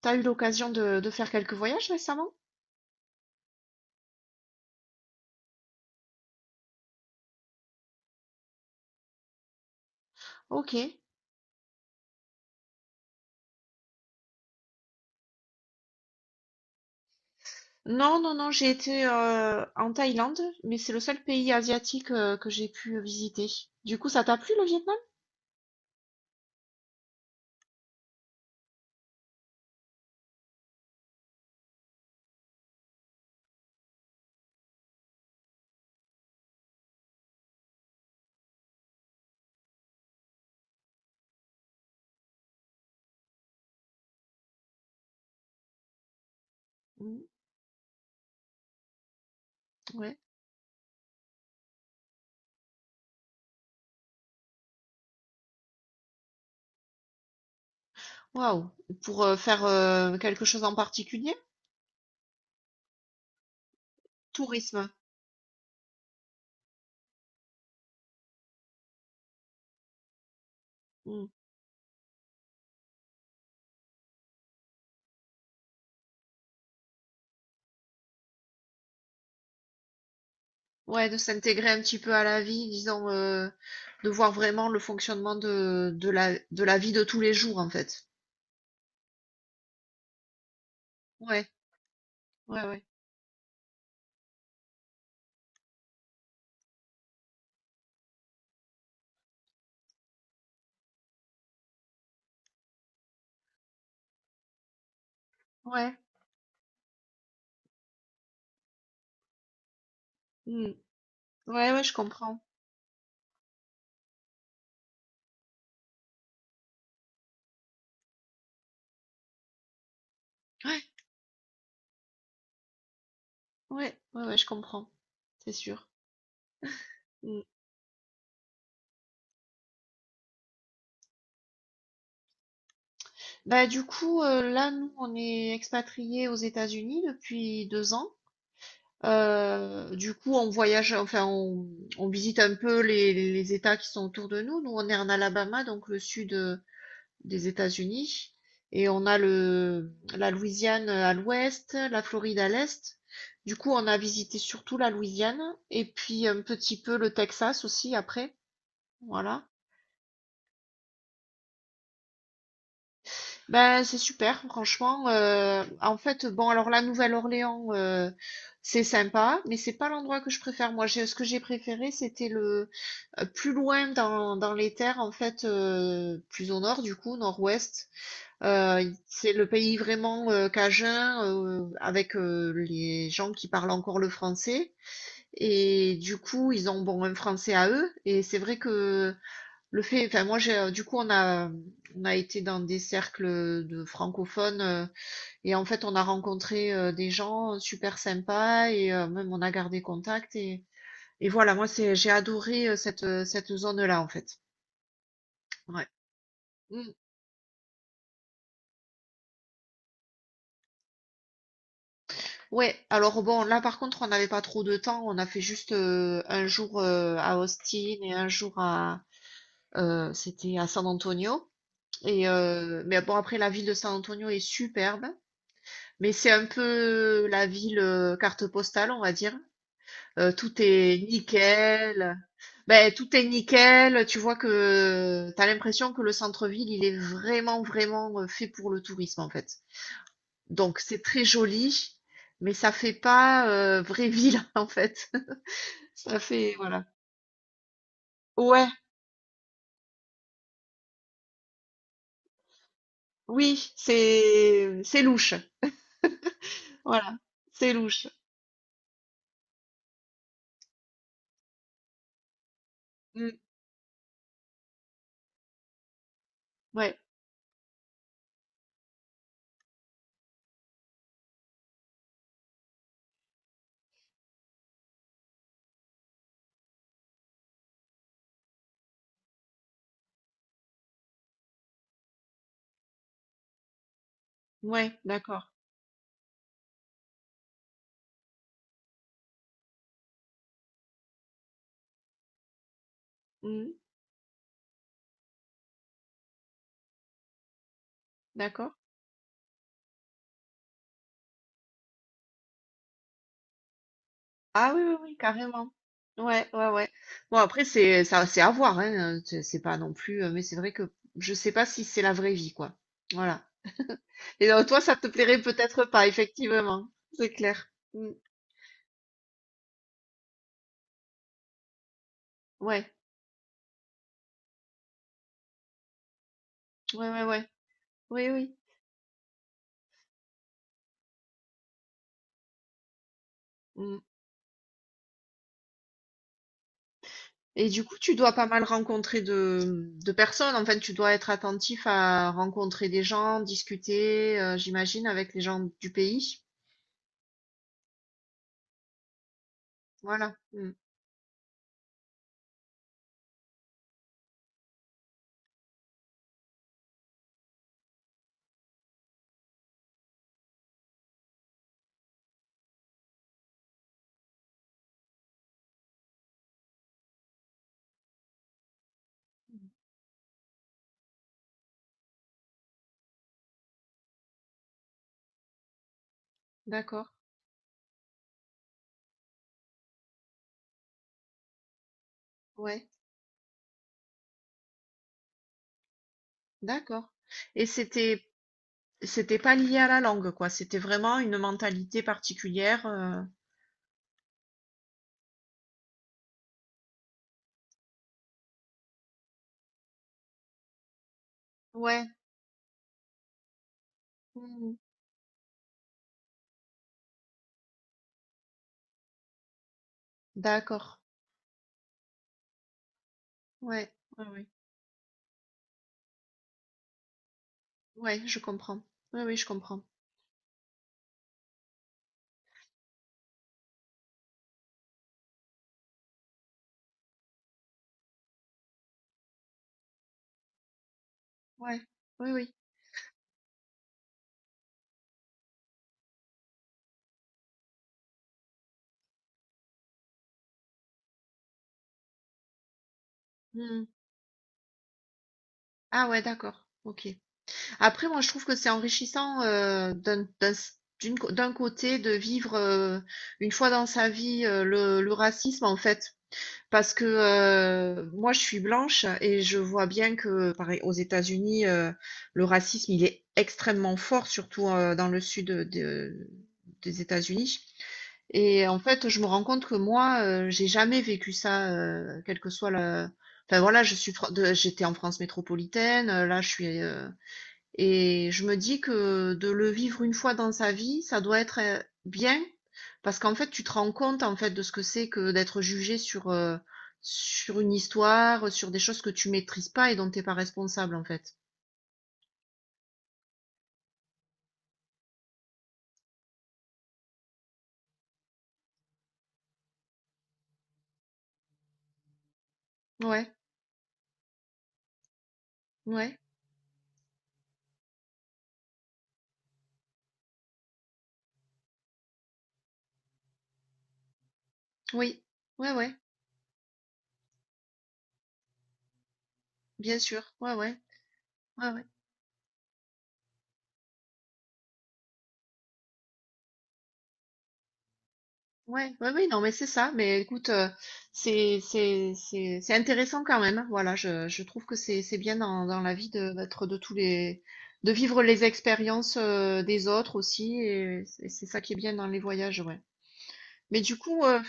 T'as eu l'occasion de faire quelques voyages récemment? Ok. Non, non, non, j'ai été en Thaïlande, mais c'est le seul pays asiatique que j'ai pu visiter. Du coup, ça t'a plu le Vietnam? Mm, ouais. Waouh. Pour faire quelque chose en particulier? Tourisme. Mm. Ouais, de s'intégrer un petit peu à la vie, disons, de voir vraiment le fonctionnement de la vie de tous les jours, en fait. Ouais, ouais, ouais. Ouais, mm. Ouais, ouais, je comprends. Ouais, ouais, ouais, ouais, je comprends, c'est sûr. Mm. Bah, du coup, là, nous, on est expatriés aux États-Unis depuis 2 ans. Du coup, on voyage, enfin, on visite un peu les États qui sont autour de nous. Nous, on est en Alabama, donc le sud des États-Unis, et on a la Louisiane à l'ouest, la Floride à l'est. Du coup, on a visité surtout la Louisiane, et puis un petit peu le Texas aussi après. Voilà. Ben c'est super, franchement. En fait, bon, alors la Nouvelle-Orléans, c'est sympa, mais c'est pas l'endroit que je préfère. Moi, ce que j'ai préféré, c'était le plus loin dans les terres, en fait, plus au nord, du coup, nord-ouest. C'est le pays vraiment cajun, avec les gens qui parlent encore le français. Et du coup, ils ont bon un français à eux. Et c'est vrai que enfin, moi j'ai du coup on a été dans des cercles de francophones et en fait on a rencontré des gens super sympas et même on a gardé contact et voilà, moi c'est j'ai adoré cette zone-là en fait. Ouais. Mm. Ouais, alors bon, là par contre, on n'avait pas trop de temps, on a fait juste un jour à Austin et un jour à c'était à San Antonio. Et mais bon après la ville de San Antonio est superbe. Mais c'est un peu la ville, carte postale, on va dire. Tout est nickel. Ben tout est nickel, tu vois que t'as l'impression que le centre-ville, il est vraiment, vraiment, fait pour le tourisme, en fait. Donc c'est très joli, mais ça fait pas, vraie ville, en fait. Ça fait voilà. Ouais, oui, c'est louche. Voilà, c'est louche. Mmh, ouais, ouais, d'accord. Mmh, d'accord. Ah oui, oui, oui, carrément. Ouais, ouais, ouais. Bon, après, c'est ça, c'est à voir, hein. C'est pas non plus. Mais c'est vrai que je sais pas si c'est la vraie vie, quoi. Voilà. Et donc, toi, ça te plairait peut-être pas, effectivement. C'est clair. Mm. Ouais, ouais, ouais, ouais. Oui, oui. Mm. Et du coup, tu dois pas mal rencontrer de personnes. Enfin, tu dois être attentif à rencontrer des gens, discuter, j'imagine, avec les gens du pays. Voilà. Mm. D'accord. Ouais. D'accord. Et c'était C'était pas lié à la langue, quoi. C'était vraiment une mentalité particulière. Ouais, mmh, d'accord. Ouais, ouais, ouais. Ouais, je comprends. Oui, oui, je comprends. Ouais. Oui, oui. Mmh. Ah ouais, d'accord, OK. Après, moi, je trouve que c'est enrichissant, d'un d'un s d'une co d'un côté de vivre, une fois dans sa vie, le racisme, en fait. Parce que moi, je suis blanche et je vois bien que, pareil, aux États-Unis, le racisme, il est extrêmement fort, surtout dans le sud des États-Unis. Et en fait, je me rends compte que moi, j'ai jamais vécu ça, quel que soit le. Enfin voilà, je suis, fr- de- j'étais en France métropolitaine. Là, je suis, et je me dis que de le vivre une fois dans sa vie, ça doit être bien parce qu'en fait, tu te rends compte en fait de ce que c'est que d'être jugé sur une histoire, sur des choses que tu maîtrises pas et dont t'es pas responsable en fait. Ouais, ouais, oui, ouais, ouais, bien sûr, ouais, ouais, ouais, ouais. Ouais, ouais, oui, non, mais c'est ça. Mais écoute, c'est intéressant quand même, hein. Voilà, je trouve que c'est bien dans la vie de d'être de vivre les expériences des autres aussi. Et c'est ça qui est bien dans les voyages, ouais. Mais du coup,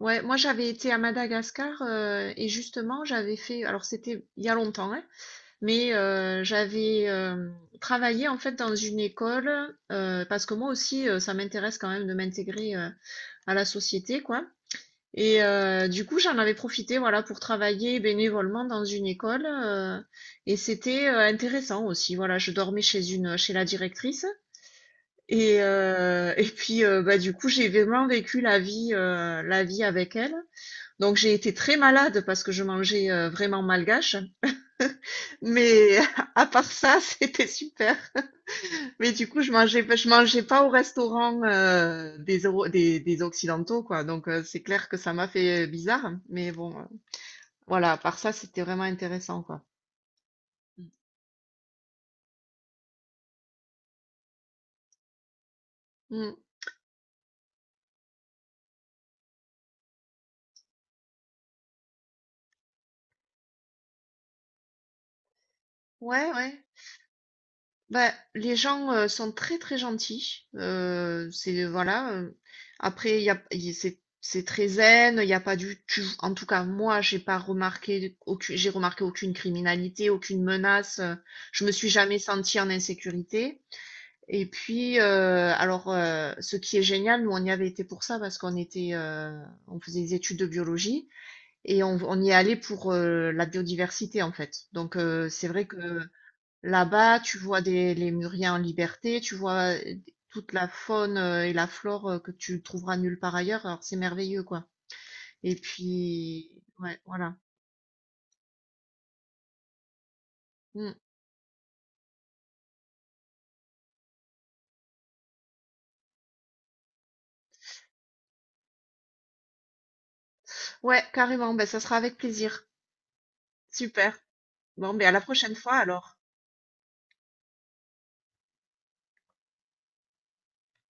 ouais, moi j'avais été à Madagascar et justement j'avais fait. Alors c'était il y a longtemps, hein, mais j'avais travaillé en fait dans une école parce que moi aussi ça m'intéresse quand même de m'intégrer à la société, quoi. Et du coup j'en avais profité, voilà, pour travailler bénévolement dans une école et c'était intéressant aussi, voilà, je dormais chez la directrice et et puis bah du coup j'ai vraiment vécu la vie la vie avec elle. Donc j'ai été très malade parce que je mangeais vraiment malgache. Mais à part ça, c'était super. Mais du coup, je mangeais pas au restaurant des Occidentaux, quoi. Donc, c'est clair que ça m'a fait bizarre. Mais bon, voilà, à part ça, c'était vraiment intéressant, quoi. Mm. Mm. Ouais, ouais. Bah, les gens sont très très gentils. C'est Voilà. Après, il y a, il- c'est très zen. Il y a pas en tout cas, moi, j'ai pas remarqué aucune. J'ai remarqué aucune criminalité, aucune menace. Je me suis jamais sentie en insécurité. Et puis, alors, ce qui est génial, nous on y avait été pour ça parce qu'on faisait des études de biologie et on y allait pour la biodiversité en fait. Donc, c'est vrai que là-bas, tu vois les Muriens en liberté, tu vois toute la faune et la flore que tu trouveras nulle part ailleurs. Alors c'est merveilleux, quoi. Et puis, ouais, voilà. Mm. Ouais, carrément. Ben, ça sera avec plaisir. Super. Bon, mais à la prochaine fois alors.